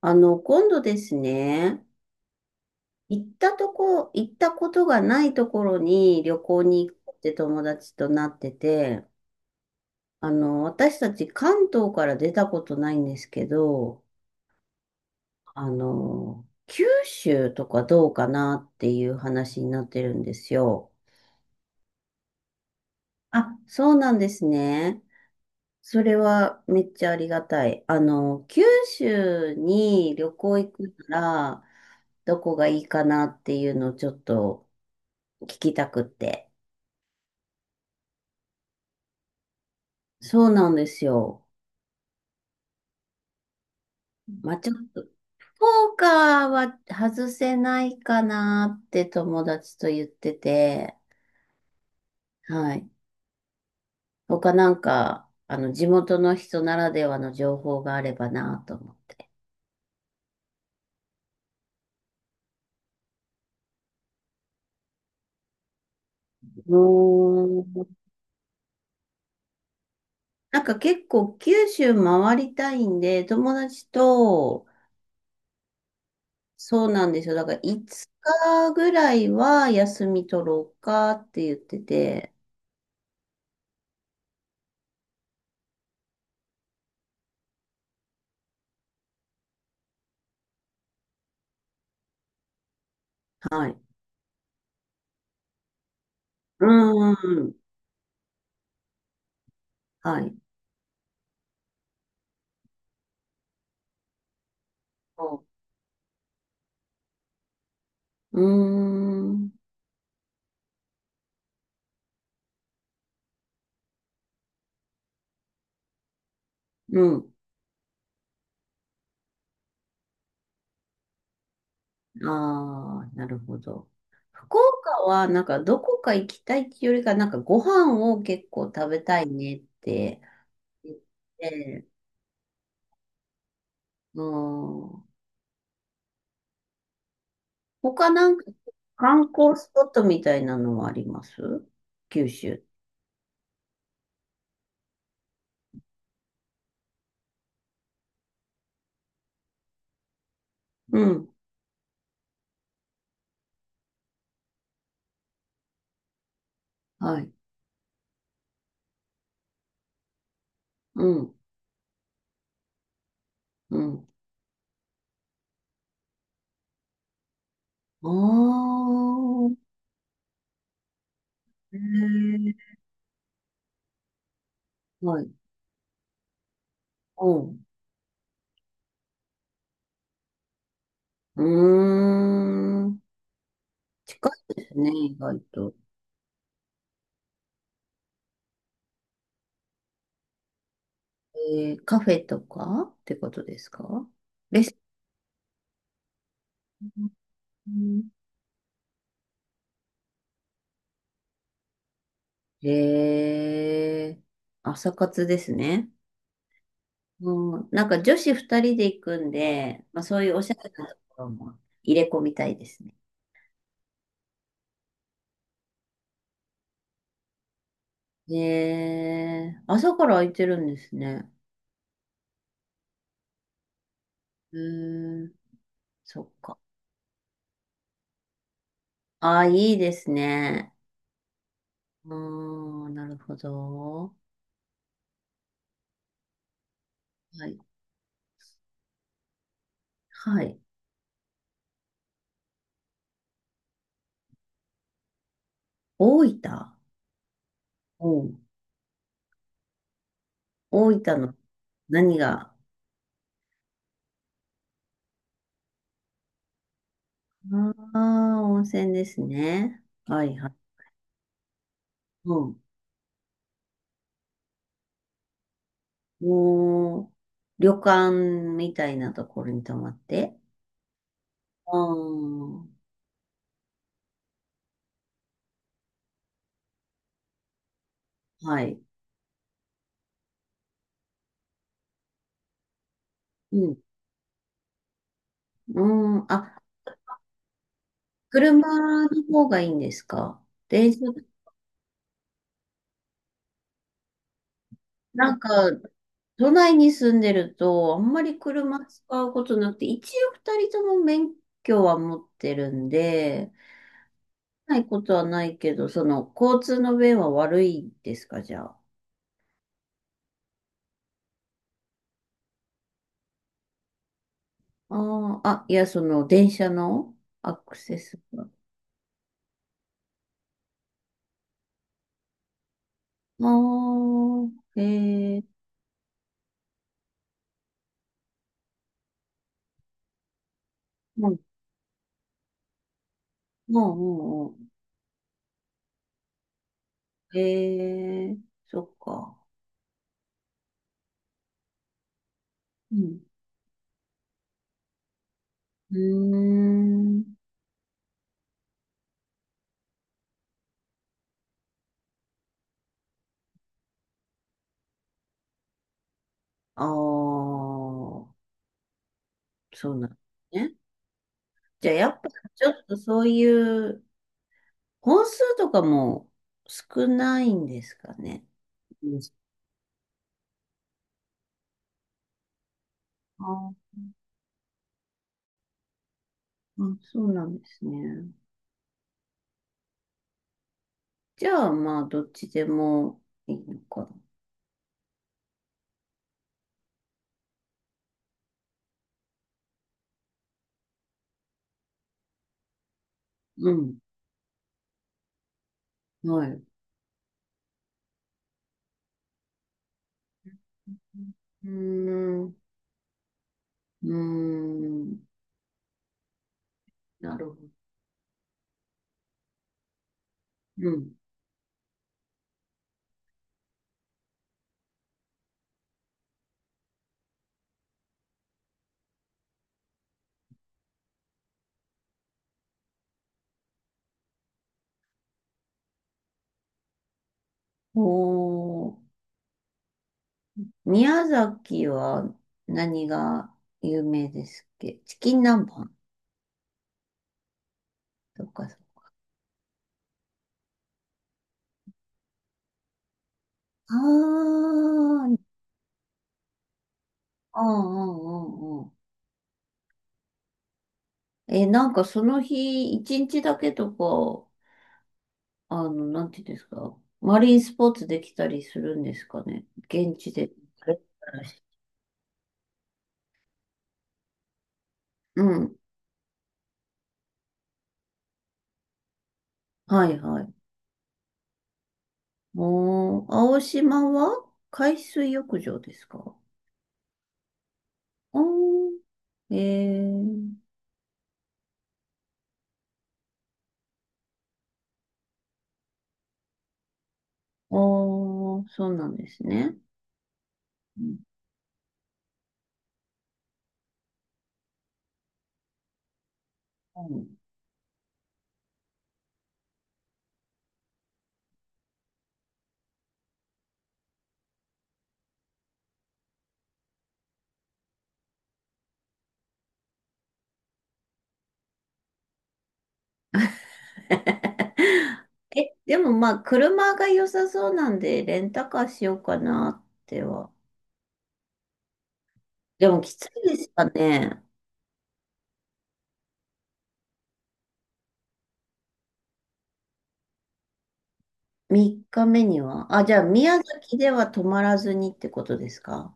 今度ですね、行ったことがないところに旅行に行こうって友達となってて、私たち関東から出たことないんですけど、九州とかどうかなっていう話になってるんですよ。あ、そうなんですね。それはめっちゃありがたい。あの、九州に旅行行くなら、どこがいいかなっていうのをちょっと聞きたくって。そうなんですよ。まあ、ちょっと、ポーカーは外せないかなって友達と言ってて、はい。他なんか、地元の人ならではの情報があればなと思って。うーん。なんか結構九州回りたいんで、友達と、そうなんですよ。だから5日ぐらいは休み取ろうかって言ってて。はい。うーん。はい。そううーん。うん。ああ、なるほど。福岡はなんかどこか行きたいっていうよりか、なんかご飯を結構食べたいねって言って、うん。他なんか観光スポットみたいなのはあります九州。うん。はい。うん。うん。ああ、えーはい。おう。うーん。近いですね、意外と。えー、カフェとかってことですか？レストラン。えー、朝活ですね。うん、なんか女子二人で行くんで、まあ、そういうおしゃれなところも入れ込みたいですね。えー、朝から空いてるんですね。うーん、そっか。ああ、いいですね。ああ、なるほど。はい。はい。大分。うん、大分の何が、ああ温泉ですね。はいはい。うん。もう、旅館みたいなところに泊まって。ああ、はい。うん。うん。あ、車の方がいいんですか？電車、なんか、都内に住んでると、あんまり車使うことなくて、一応二人とも免許は持ってるんで、ないことはないけど、その、交通の便は悪いですか、じゃあ。ああ、あ、いや、その、電車のアクセスが。ああ、ええ、もう、もう、もう、ええ、そっか。うん。うーん。ああ、そうなんですね。じゃあ、やっぱ、ちょっとそういう、本数とかも少ないんですかね。うん、ああ、そうなんですね。じゃあ、まあ、どっちでもいいのかな。うん。はい。うーん。うーん。なるほど。うん。おー。宮崎は何が有名ですっけ？チキン南蛮とか。ああ、うんうんうんうん。え、なんかその日、一日だけとか、あの、なんていうんですか。マリンスポーツできたりするんですかね。現地で。うん。はいはい。もう、青島は海水浴場ですか？あー、えー、あー、そうなんですね。うんうん。 え、でもまあ、車が良さそうなんで、レンタカーしようかなっては。でもきついですかね。3日目には、あ、じゃあ宮崎では泊まらずにってことですか？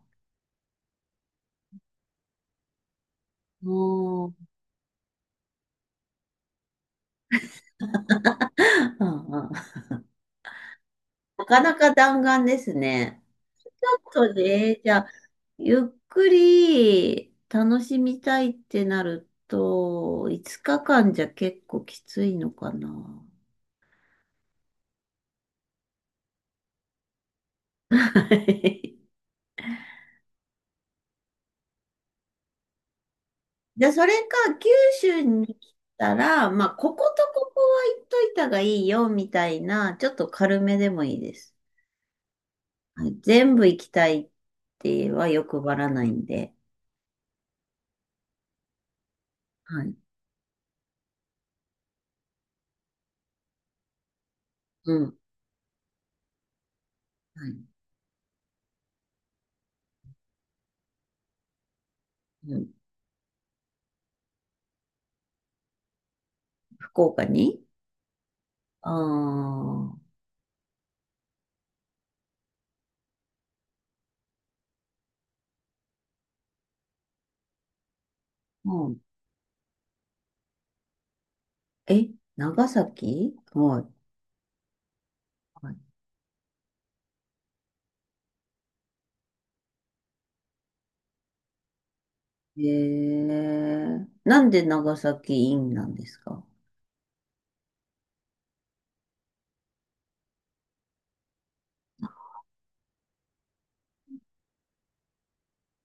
おう、うんうん。なかなか弾丸ですね。ちょっとで、じゃあ、ゆっくり楽しみたいってなると、5日間じゃ結構きついのかな。はい、じゃあ、それか、九州に来たら、まあ、こことここは行っといたがいいよ、みたいな、ちょっと軽めでもいいです。はい、全部行きたいっては欲張らないんで、はい。うん。はい。うん、福岡に、ああー、うん。え、長崎はい。はい。えー、なんで長崎インなんですか？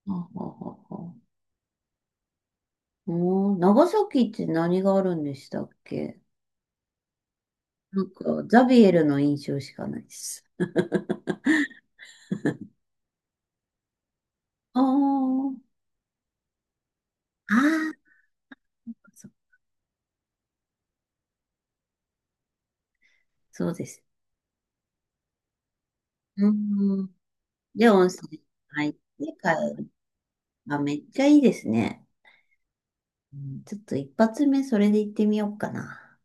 あははは。うん、長崎って何があるんでしたっけ？なんか、ザビエルの印象しかないです。あー、あー、そそうです。うん。で、温泉入って帰る。あ、めっちゃいいですね。うん、ちょっと一発目それで行ってみようかな。